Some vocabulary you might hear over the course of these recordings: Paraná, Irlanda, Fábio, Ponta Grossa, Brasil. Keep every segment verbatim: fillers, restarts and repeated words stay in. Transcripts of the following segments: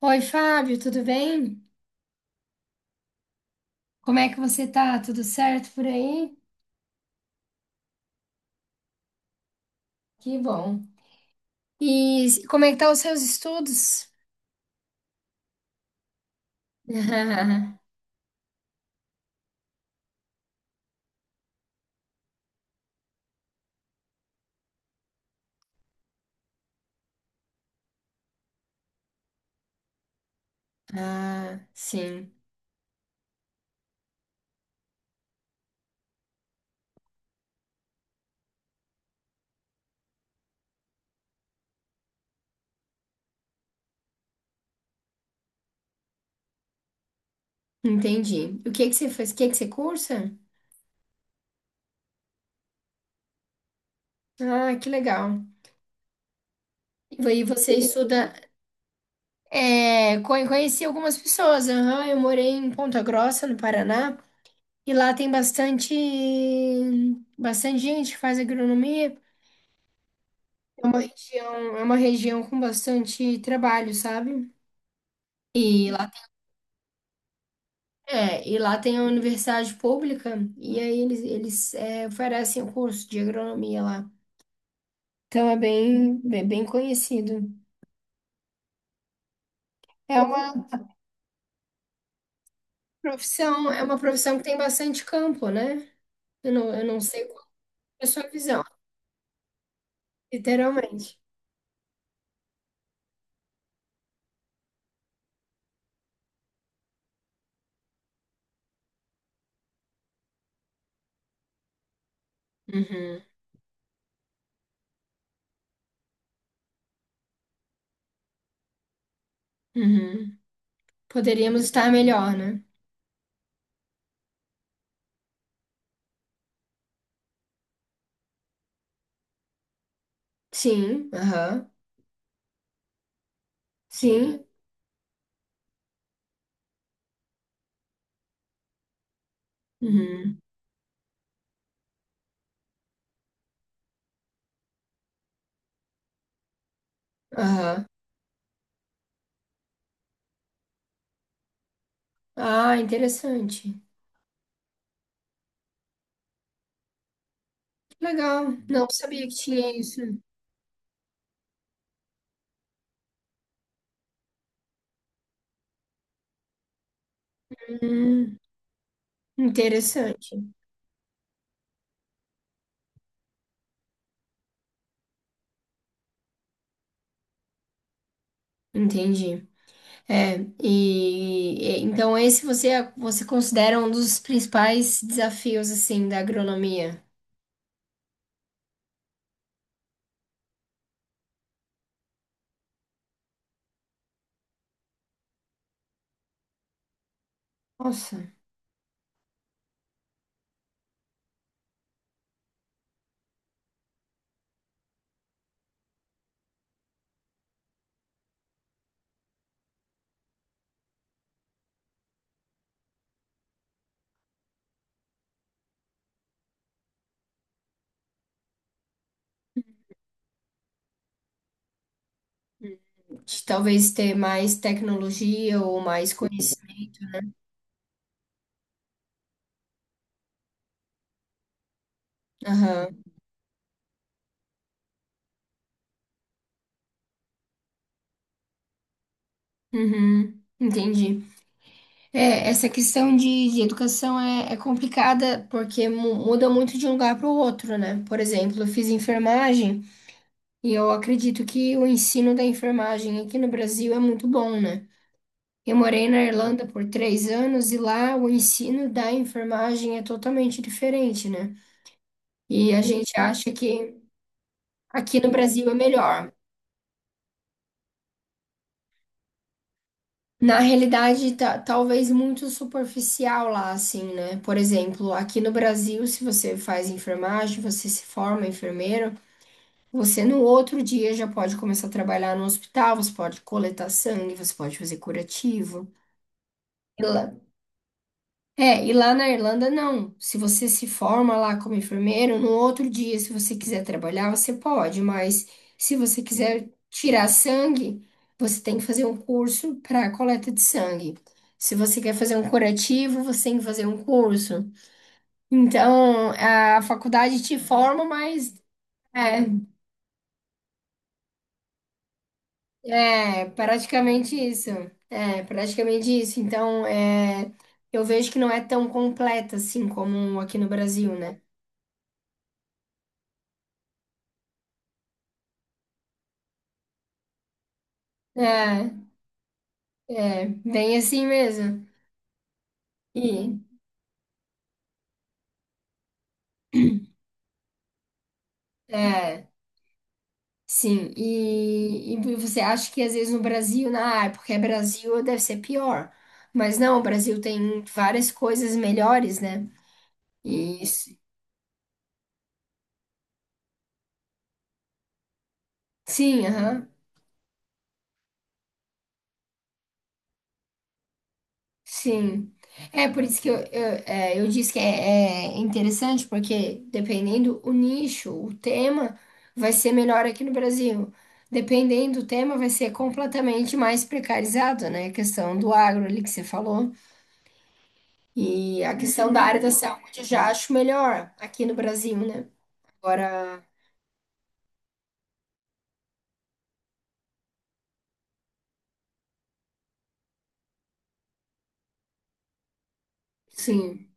Oi, Fábio, tudo bem? Como é que você tá? Tudo certo por aí? Que bom. E s- como é que tá os seus estudos? Ah, sim, entendi. O que que você faz? O que que você cursa? Ah, que legal. E aí você estuda. É, co- conheci algumas pessoas. Aham, eu morei em Ponta Grossa, no Paraná, e lá tem bastante, bastante gente que faz agronomia. É uma região, é uma região com bastante trabalho, sabe? E lá, é, e lá tem a universidade pública, e aí eles, eles é, oferecem o curso de agronomia lá. Então é bem, bem, bem conhecido. É uma profissão, é uma profissão que tem bastante campo, né? Eu não, eu não sei qual é a sua visão, literalmente. Uhum, uhum. Poderíamos estar melhor, né? Sim, aham. Sim, uhum, aham. Ah, interessante. Legal. Não sabia que tinha isso. Hum, Interessante. Entendi. É, e e- então esse você é, você considera um dos principais desafios assim da agronomia? Nossa, de talvez ter mais tecnologia ou mais conhecimento. Aham. Uhum. Entendi. É, essa questão de, de educação é, é complicada porque mu- muda muito de um lugar para o outro, né? Por exemplo, eu fiz enfermagem e eu acredito que o ensino da enfermagem aqui no Brasil é muito bom, né? Eu morei na Irlanda por três anos e lá o ensino da enfermagem é totalmente diferente, né? E a gente acha que aqui no Brasil é melhor. Na realidade, tá, talvez muito superficial lá, assim, né? Por exemplo, aqui no Brasil, se você faz enfermagem, você se forma enfermeiro, você no outro dia já pode começar a trabalhar no hospital, você pode coletar sangue, você pode fazer curativo. É, e lá na Irlanda não. Se você se forma lá como enfermeiro, no outro dia, se você quiser trabalhar, você pode, mas se você quiser tirar sangue, você tem que fazer um curso para coleta de sangue. Se você quer fazer um curativo, você tem que fazer um curso. Então, a faculdade te forma, mas é, é praticamente isso. É, praticamente isso. Então, é, eu vejo que não é tão completa assim como aqui no Brasil, né? É. É, bem assim mesmo. E, é, sim. E, e você acha que às vezes no Brasil, na ah, é porque é Brasil, deve ser pior. Mas não, o Brasil tem várias coisas melhores, né? E, s- sim, aham, sim. É por isso que eu, eu, é, eu disse que é, é interessante, porque dependendo o nicho, o tema, vai ser melhor aqui no Brasil. Dependendo do tema, vai ser completamente mais precarizado, né? A questão do agro ali que você falou. E a questão da área da Hum. saúde já acho melhor aqui no Brasil, né? Agora, sim.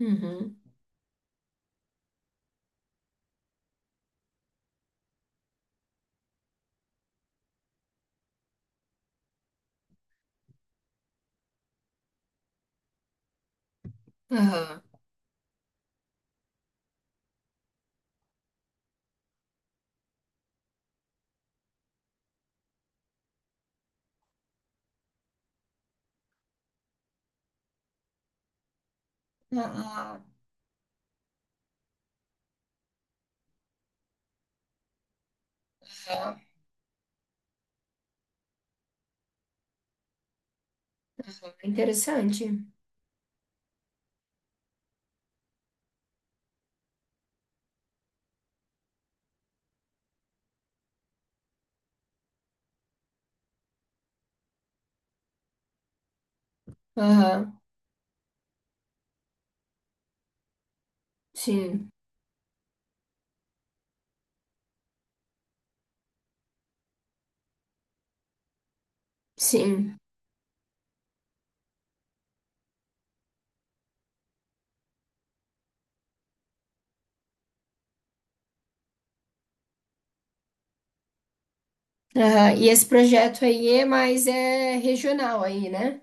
Uhum. Aham. Ah. Ah, aham. Aham. Interessante. Aham. Sim. Sim. Aham. E esse projeto aí é mais, é regional aí, né?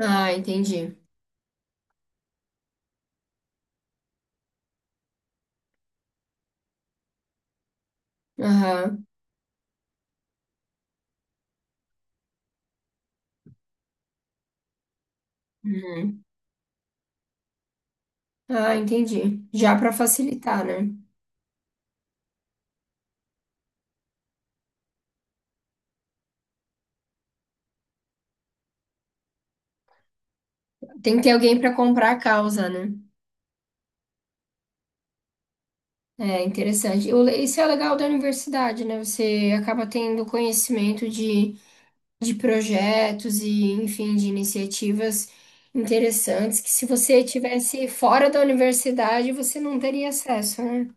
Ah, entendi. Aham. Uhum. Ah, entendi. Já para facilitar, né? Tem que ter alguém para comprar a causa, né? É interessante. O le- Isso é legal da universidade, né? Você acaba tendo conhecimento de, de projetos e, enfim, de iniciativas interessantes que se você tivesse fora da universidade, você não teria acesso, né?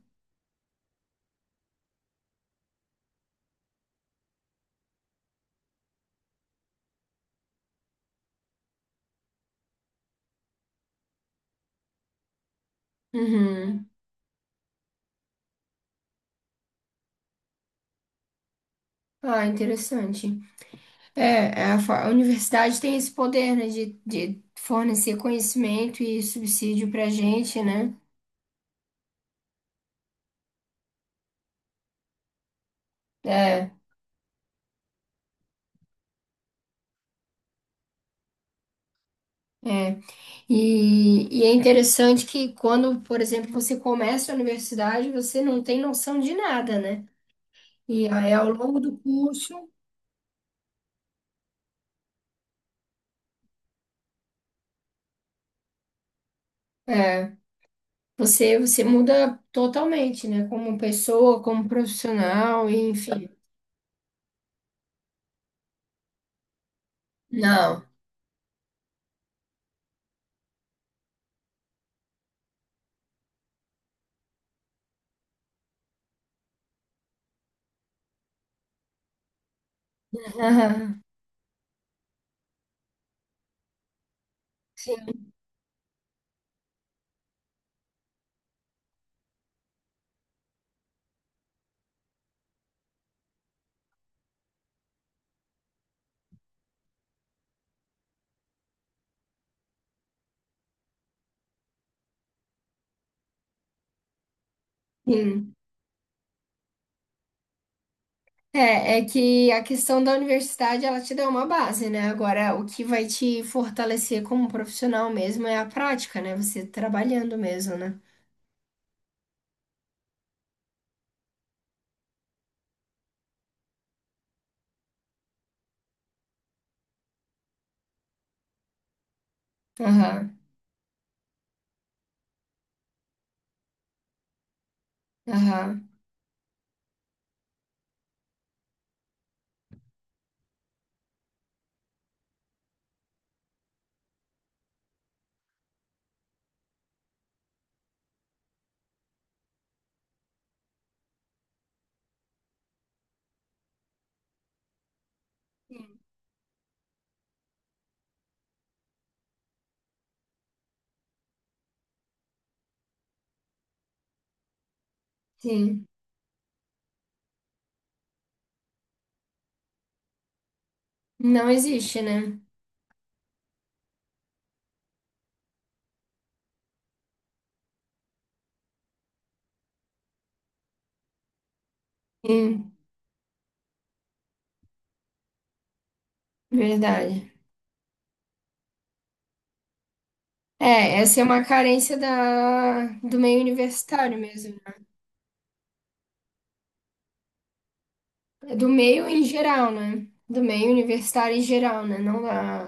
Uhum. Ah, interessante. É, é a, fa- a universidade tem esse poder, né, de, de fornecer conhecimento e subsídio pra gente, né? É, é. E, e é interessante que quando, por exemplo, você começa a universidade, você não tem noção de nada, né? E aí, ao longo do curso, é, você, você muda totalmente, né? Como pessoa, como profissional, e enfim. Não. Sim. É, é que a questão da universidade, ela te dá uma base, né? Agora, o que vai te fortalecer como profissional mesmo é a prática, né? Você trabalhando mesmo, né? Aham, aham. Sim. Não existe, né? Hum, Verdade. É, essa é uma carência da, do meio universitário mesmo. É Do meio em geral, né? Do meio universitário em geral, né? Não da,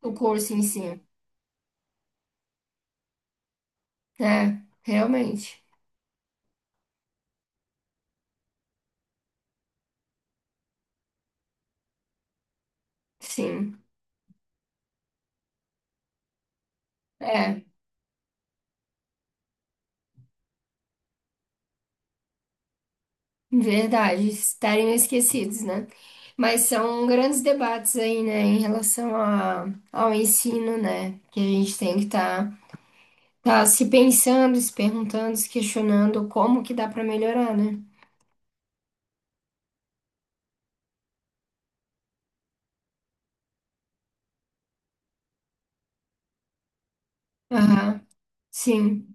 do curso em si. É, realmente. Sim. É, verdade. Estarem esquecidos, né? Mas são grandes debates aí, né? Em relação a, ao ensino, né? Que a gente tem que estar tá, tá se pensando, se perguntando, se questionando como que dá para melhorar, né? Aham, sim,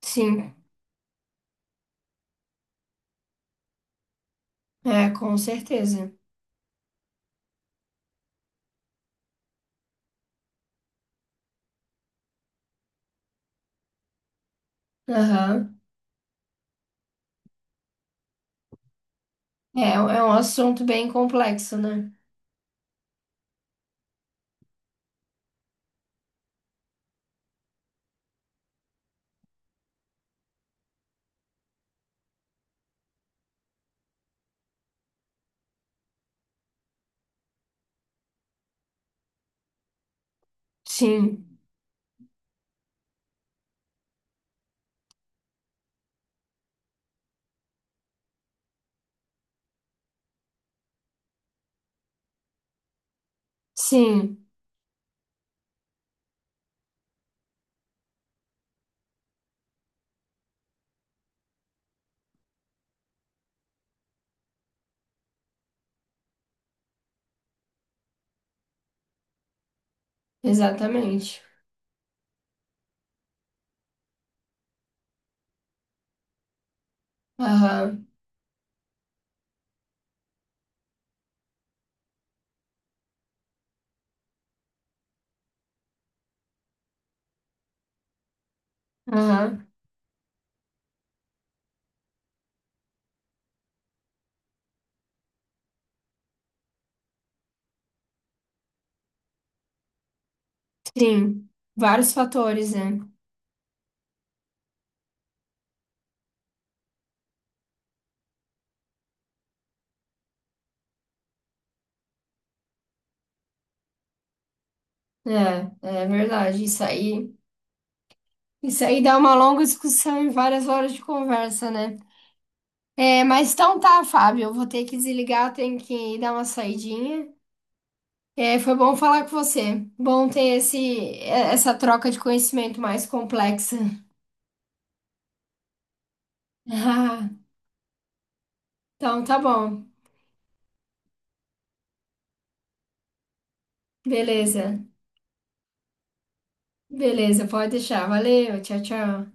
sim, é, com certeza. Aham. É, é um assunto bem complexo, né? Sim, sim, exatamente. Aham, aham, sim, vários fatores, né? É, é verdade, isso aí, isso aí dá uma longa discussão e várias horas de conversa, né? É, mas então tá, Fábio, eu vou ter que desligar, eu tenho que dar uma saidinha. É, foi bom falar com você. Bom ter esse, é, essa troca de conhecimento mais complexa. Ah, então tá bom. Beleza. Beleza, pode deixar. Valeu, tchau, tchau.